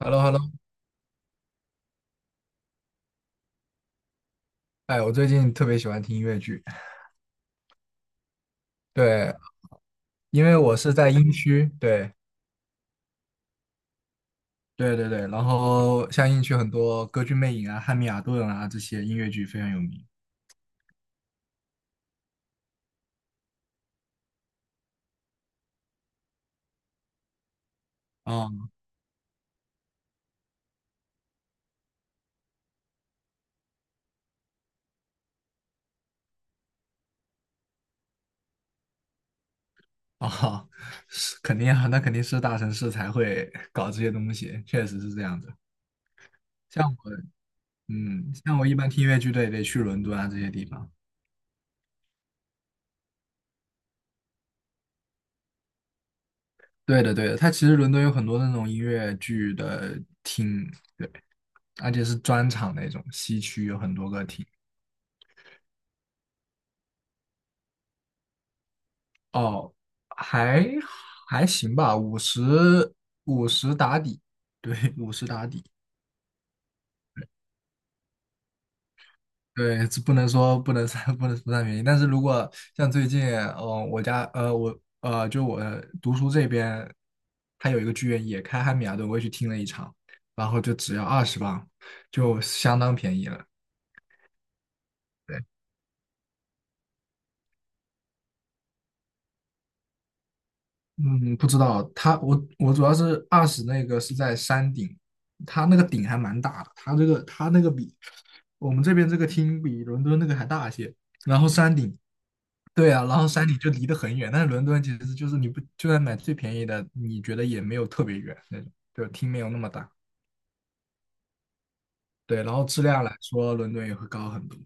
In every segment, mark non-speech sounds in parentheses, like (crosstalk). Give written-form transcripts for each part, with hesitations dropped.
h e l l o h e l l o 哎，我最近特别喜欢听音乐剧，对，因为我是在英区，对，对对对，然后像英区很多《歌剧魅影》啊、《汉密尔顿》啊这些音乐剧非常有名。啊啊，(laughs) 是肯定啊，那肯定是大城市才会搞这些东西，确实是这样的。像我，嗯，像我一般听音乐剧都也得去伦敦啊这些地方。对的，对的，它其实伦敦有很多那种音乐剧的厅，而且是专场那种，西区有很多个厅。哦，还还行吧，五十打底，对五十打底。对，这不能说不能算不能不算便宜，但是如果像最近，嗯、我家呃我呃就我读书这边，它有一个剧院也开汉米尔顿，我也去听了一场，然后就只要20磅，就相当便宜了。对，嗯，不知道他我主要是二十那个是在山顶，他那个顶还蛮大的，他这个他那个比我们这边这个厅比伦敦那个还大些，然后山顶，对啊，然后山顶就离得很远，但是伦敦其实就是你不就算买最便宜的，你觉得也没有特别远那种，就厅没有那么大，对，然后质量来说，伦敦也会高很多，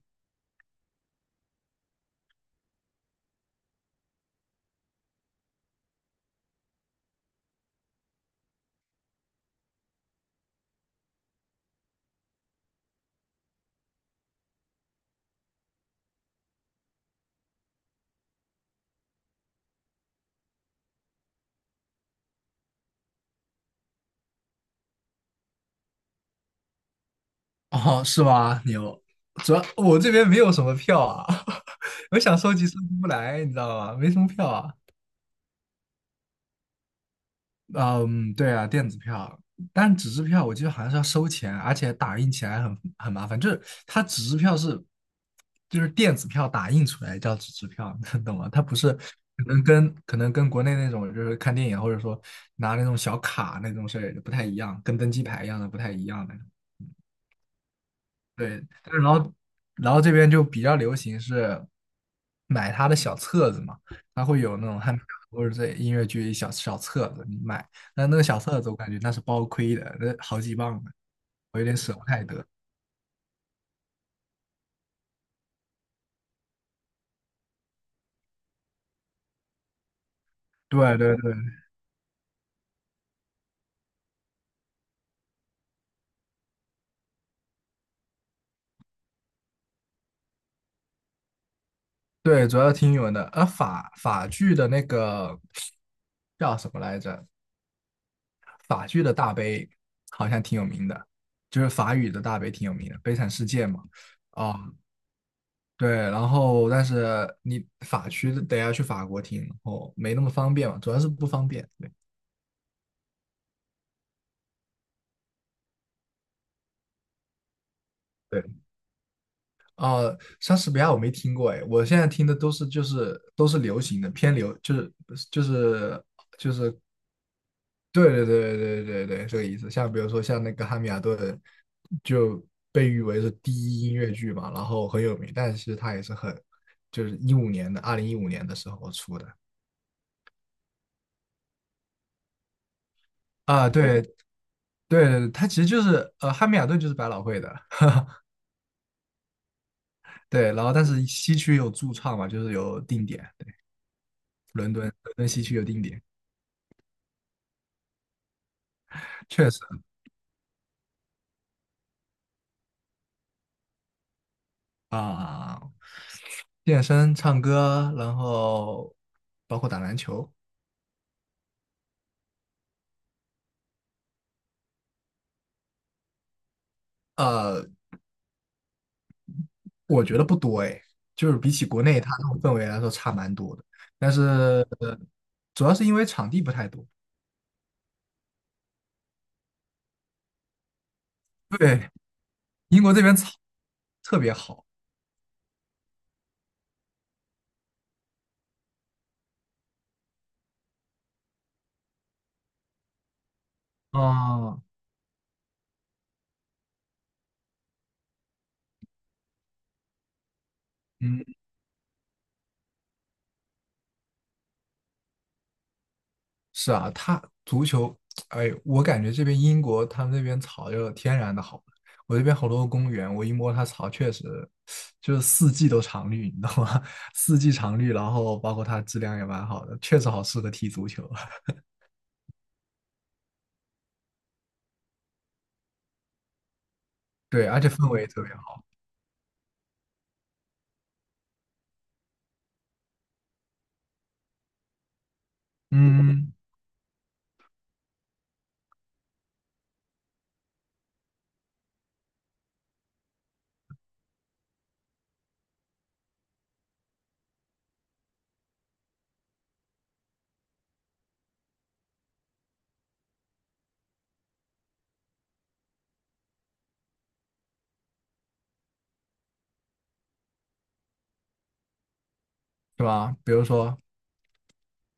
哦，是吧？牛，主要我这边没有什么票啊，(laughs) 我想收集收集不来，你知道吗？没什么票啊，嗯，对啊，电子票，但纸质票我记得好像是要收钱，而且打印起来很麻烦。就是它纸质票是，就是电子票打印出来叫纸质票，(laughs) 你懂吗？它不是可能跟国内那种就是看电影或者说拿那种小卡那种事儿不太一样，跟登机牌一样的不太一样的。对，但是然后这边就比较流行是买他的小册子嘛，他会有那种汉堡或者这音乐剧小册子，你买，但那个小册子我感觉那是包亏的，那好几磅呢，我有点舍不太得。对对对对，主要听英文的，而法剧的那个叫什么来着？法剧的大悲好像挺有名的，就是法语的大悲挺有名的，《悲惨世界》嘛。哦，对，然后但是你法区得要去法国听，然后没那么方便嘛，主要是不方便。对对，莎士比亚我没听过哎，我现在听的都是就是都是流行的，偏流就是就是对对对对对对这个意思。像比如说像那个《汉密尔顿》，就被誉为是第一音乐剧嘛，然后很有名，但是其实它也是很就是一五年的2015年的时候出的啊，对对对，它其实就是《汉密尔顿》就是百老汇的。对，然后但是西区有驻唱嘛，就是有定点，伦敦伦敦西区有定点，确实啊、健身、唱歌，然后包括打篮球，呃，我觉得不多哎，就是比起国内它那种氛围来说差蛮多的，但是呃主要是因为场地不太多，对，英国这边草特别好啊，嗯。是啊，他足球，哎，我感觉这边英国他们那边草就天然的好，我这边好多公园，我一摸它草，确实就是四季都常绿，你知道吗？(laughs) 四季常绿，然后包括它质量也蛮好的，确实好适合踢足球。(laughs) 对，而且氛围也特别好，嗯，是吧？比如说，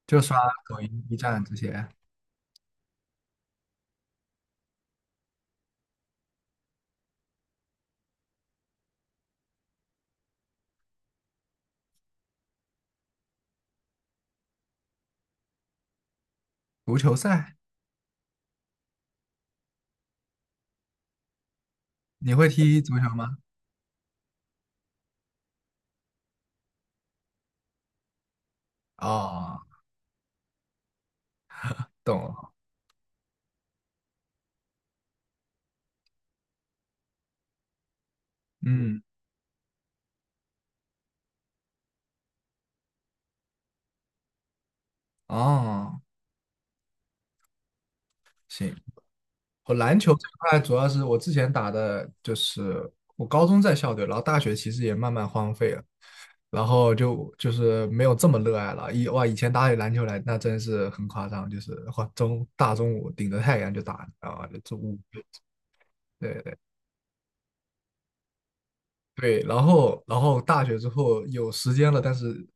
就刷抖音、B 站这些足球赛，你会踢足球吗？哦，懂了，嗯，哦，行，我篮球这块主要是我之前打的，就是我高中在校队，然后大学其实也慢慢荒废了，然后就是没有这么热爱了。以哇，以前打起篮球来那真是很夸张，就是哇中午顶着太阳就打，啊，就中午对，对，然后大学之后有时间了，但是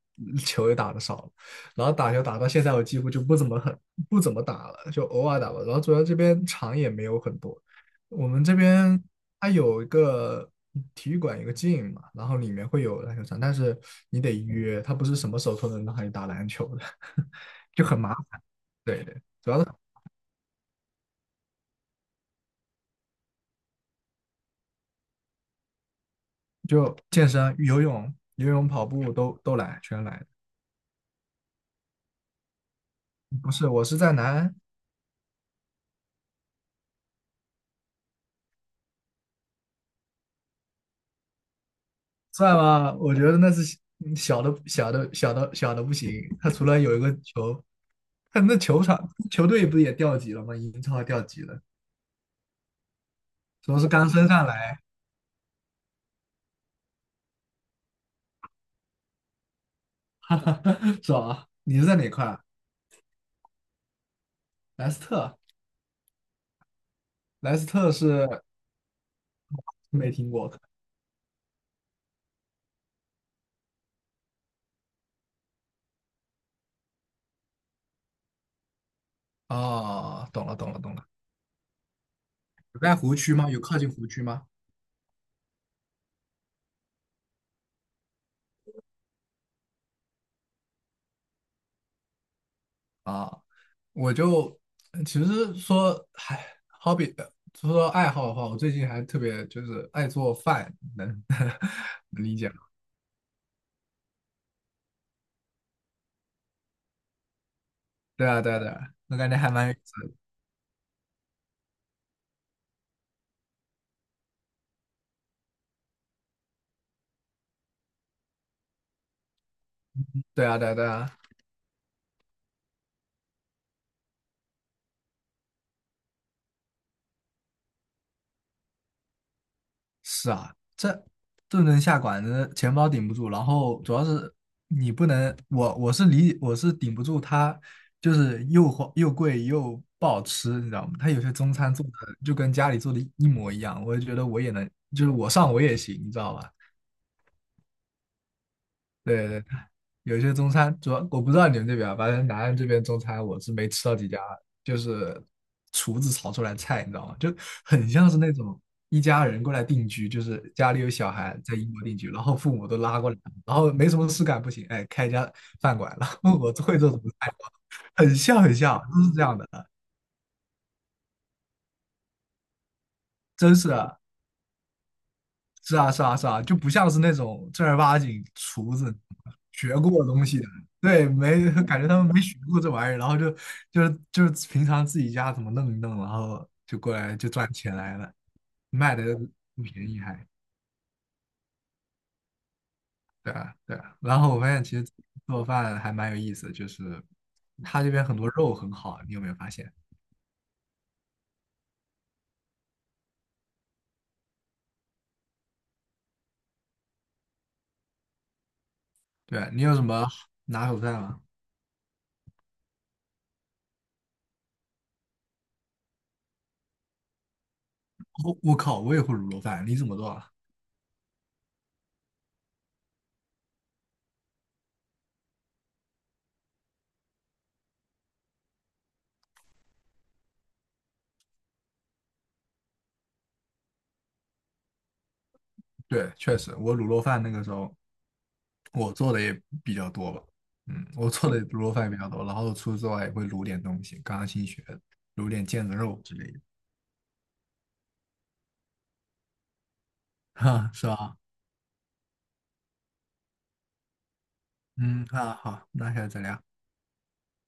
球也打的少了，然后打球打到现在我几乎就不怎么打了，就偶尔打吧。然后主要这边场也没有很多，我们这边它有一个体育馆，一个 g 嘛，然后里面会有篮球场，但是你得约，它不是什么时候都能让你打篮球的，(laughs) 就很麻烦。对对，主要是就健身、游泳、跑步都来，全来。不是，我是在南安，算吗？我觉得那是嗯小的小的小的小的不行。他除了有一个球，他那球场球队不是也掉级了吗？英超掉级了，主要是刚升上来，(laughs) 哈哈，爽啊！你是在哪块啊莱斯特，莱斯特是没听过。哦，懂了懂了懂了。有在湖区吗？有靠近湖区吗？啊，我就其实说，唉，好比说爱好的话，我最近还特别就是爱做饭，能 (laughs) 能理解。对啊，对啊，对啊，我感觉还蛮有意思的对啊，对啊，对啊，是啊，这顿顿下馆子，钱包顶不住，然后主要是你不能，我是顶不住它，就是又花又贵又不好吃，你知道吗？它有些中餐做的就跟家里做的一模一样，我就觉得我也能，我上我也行，你知道吧？对对，有些中餐主要我不知道你们这边啊，反正南安这边中餐我是没吃到几家，就是厨子炒出来的菜，你知道吗？就很像是那种一家人过来定居，就是家里有小孩在英国定居，然后父母都拉过来，然后没什么事干不行，哎，开一家饭馆，然后我会做什么菜吗很像很像，都是这样的，真是的。是啊，是啊，是啊，就不像是那种正儿八经厨子学过东西的，对，没感觉他们没学过这玩意儿，然后就是就是平常自己家怎么弄一弄，然后就过来就赚钱来了，卖的不便宜还，对啊，对啊。然后我发现其实做饭还蛮有意思的，就是他这边很多肉很好，你有没有发现？对啊，你有什么拿手菜吗？我靠，我也会卤肉饭，你怎么做啊？对，确实，我卤肉饭那个时候我做的也比较多吧，嗯，我做的卤肉饭也比较多，然后除此之外也会卤点东西，刚刚新学的，卤点腱子肉之类的，(laughs) 哈，是吧？嗯，那好，那下次再聊。